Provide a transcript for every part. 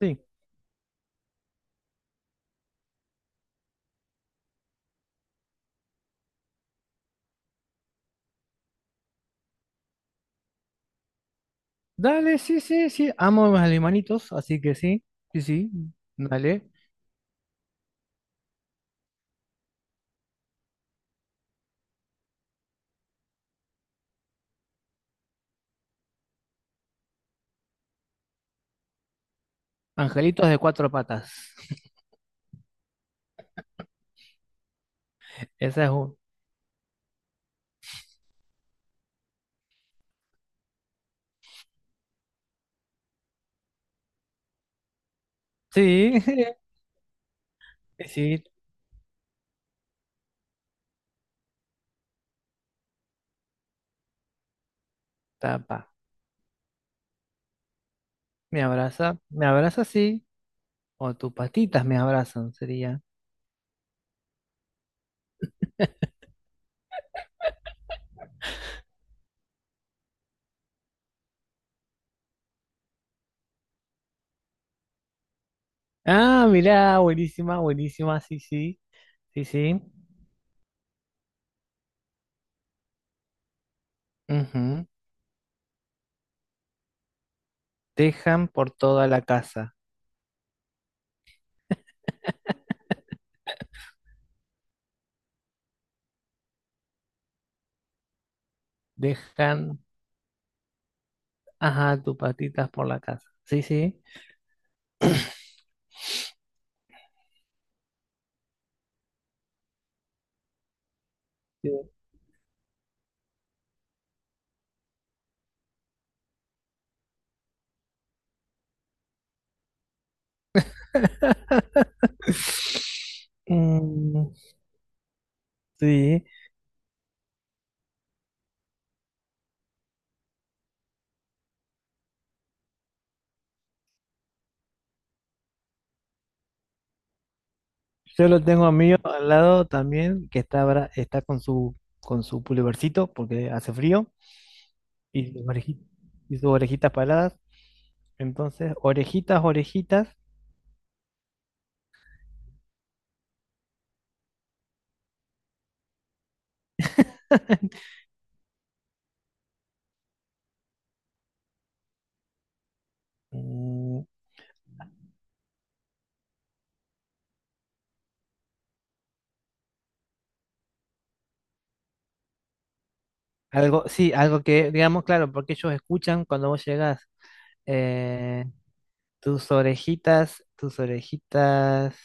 Sí, dale, sí, sí, sí. Amo a mis alemanitos, así que sí, sí, sí, dale. Angelitos de cuatro patas. Esa es un. Sí, sí, tapa. Me abraza, sí. O tus patitas me abrazan, sería. Ah, mirá, buenísima, buenísima, sí, sí, sí, sí. Ujú. Dejan por toda la casa. Dejan, ajá, tus patitas por la casa. Sí, sí. Sí. Mm, sí, yo lo tengo a mí al lado también, que está, está con su pulovercito porque hace frío y y sus orejitas paladas. Entonces, orejitas, orejitas. Mm, algo, sí, algo que, digamos, claro, porque ellos escuchan cuando vos llegás. eh, Tus orejitas, tus orejitas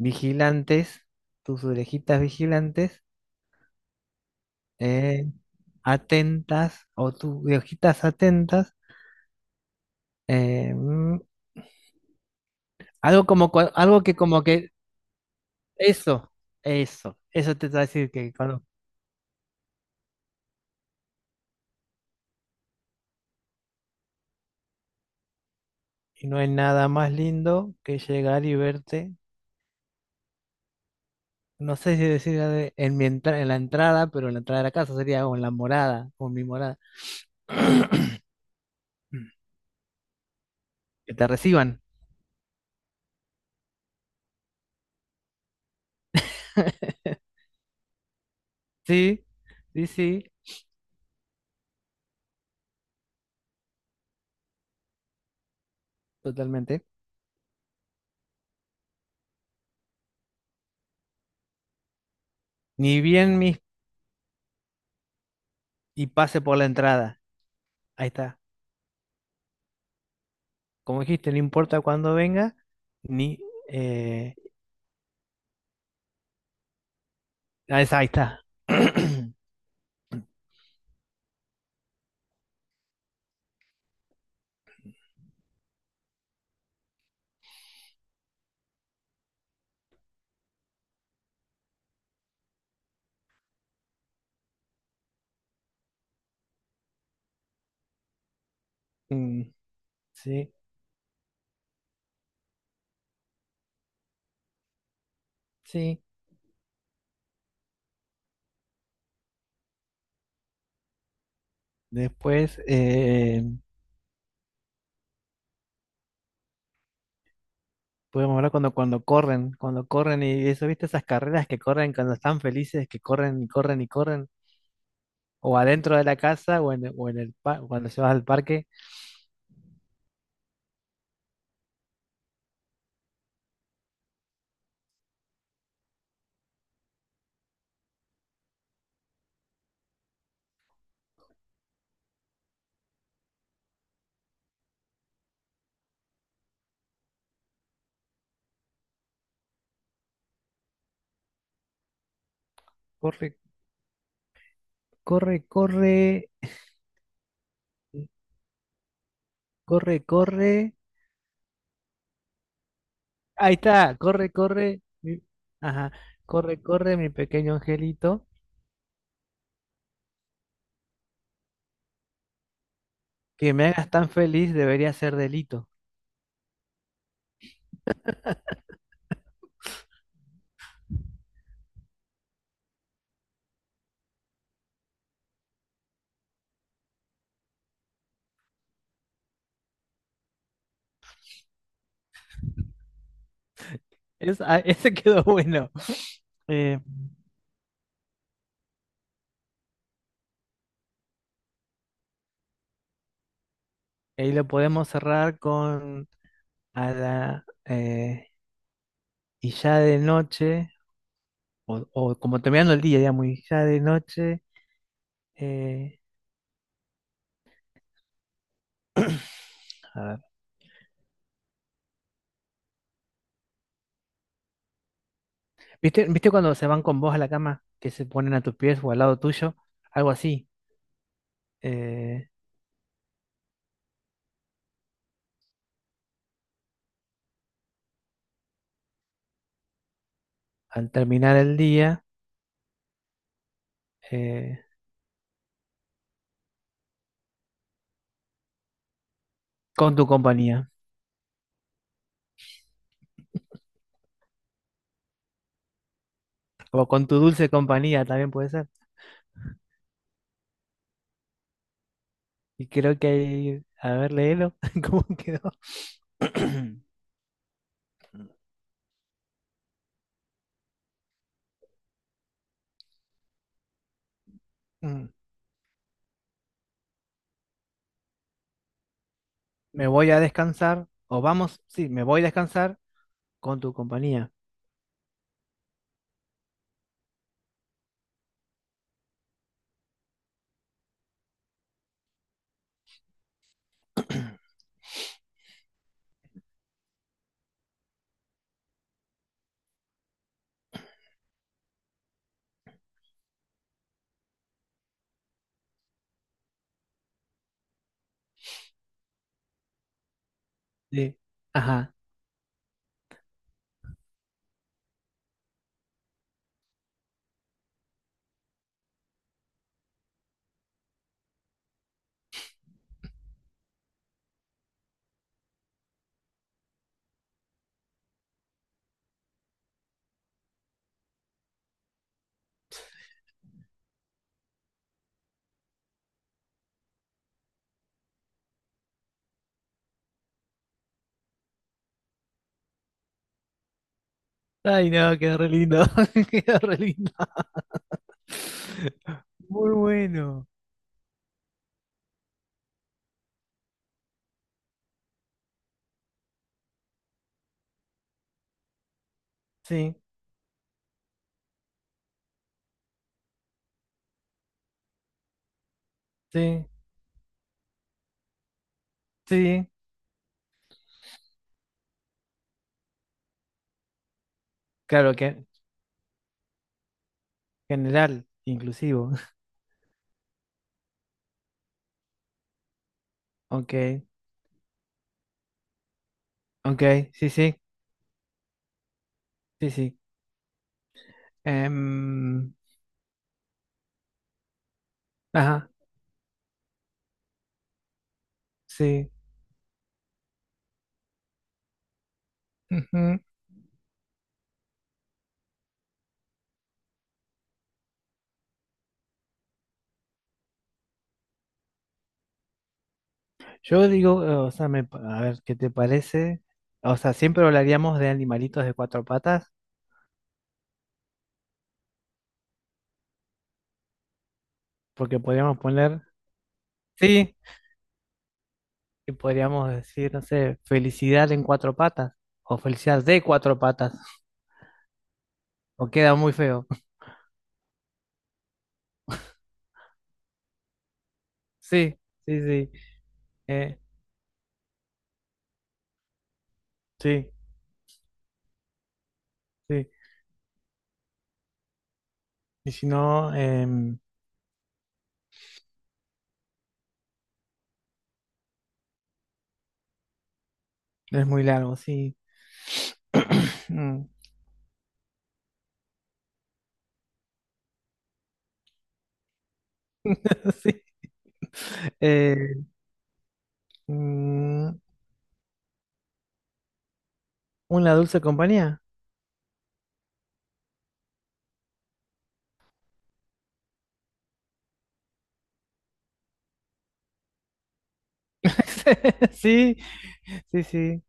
vigilantes, tus orejitas vigilantes, eh, atentas o tus orejitas atentas, eh, mm, algo como algo que como que eso, eso te va a decir que cuando... y no hay nada más lindo que llegar y verte, no sé si decir en en la entrada, pero en la entrada de la casa sería o en la morada o en mi morada, que te reciban. Sí, sí, sí, totalmente. Ni bien mis y pase por la entrada. Ahí está. Como dijiste, no importa cuándo venga, ni... Eh, ah, esa, ahí está. Mm, sí, sí. Después podemos hablar cuando, cuando corren y eso, ¿viste? Esas carreras que corren cuando están felices, que corren y corren y corren, o adentro de la casa o en el cuando se va al parque. Corre, corre, corre, corre, corre. Ahí está, corre, corre, mi... Ajá, corre, corre, mi pequeño angelito. Que me hagas tan feliz debería ser delito. Es, ah, ese quedó bueno. Eh, Ahí lo podemos cerrar con a la y ya de noche, o como terminando el día, digamos, y ya de noche. eh, a ver. ¿Viste, viste cuando se van con vos a la cama, que se ponen a tus pies o al lado tuyo? Algo así. eh, Al terminar el día, eh, con tu compañía. O con tu dulce compañía también puede ser. Y creo que hay a ver, léelo, ¿cómo quedó? Me voy a descansar, o vamos, sí, me voy a descansar con tu compañía. Sí. Ajá. Ay, no, quedó re lindo. Quedó re lindo. Muy bueno. Sí, sí, sí. Claro que general, inclusivo. Ok, ok, sí, sí, sí, sí. Em, ajá, sí. Ujú. Yo digo, o sea, a ver, ¿qué te parece? O sea, siempre hablaríamos de animalitos de cuatro patas. Porque podríamos poner, sí, y podríamos decir, no sé, felicidad en cuatro patas, o felicidad de cuatro patas, o queda muy feo. Sí, sí, sí, eh, sí, sí. Y si no, em, es muy largo, sí. Mm, sí. Eh, mm, una dulce compañía. Sí, sí, sí.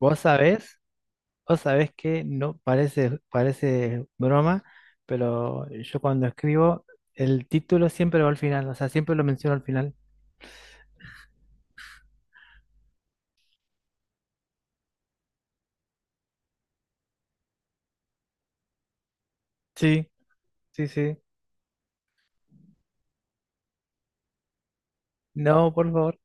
¿Vos sabés? O sabes que no parece, parece broma, pero yo cuando escribo, el título siempre va al final, o sea, siempre lo menciono al final. Sí, sí, sí. No, por favor.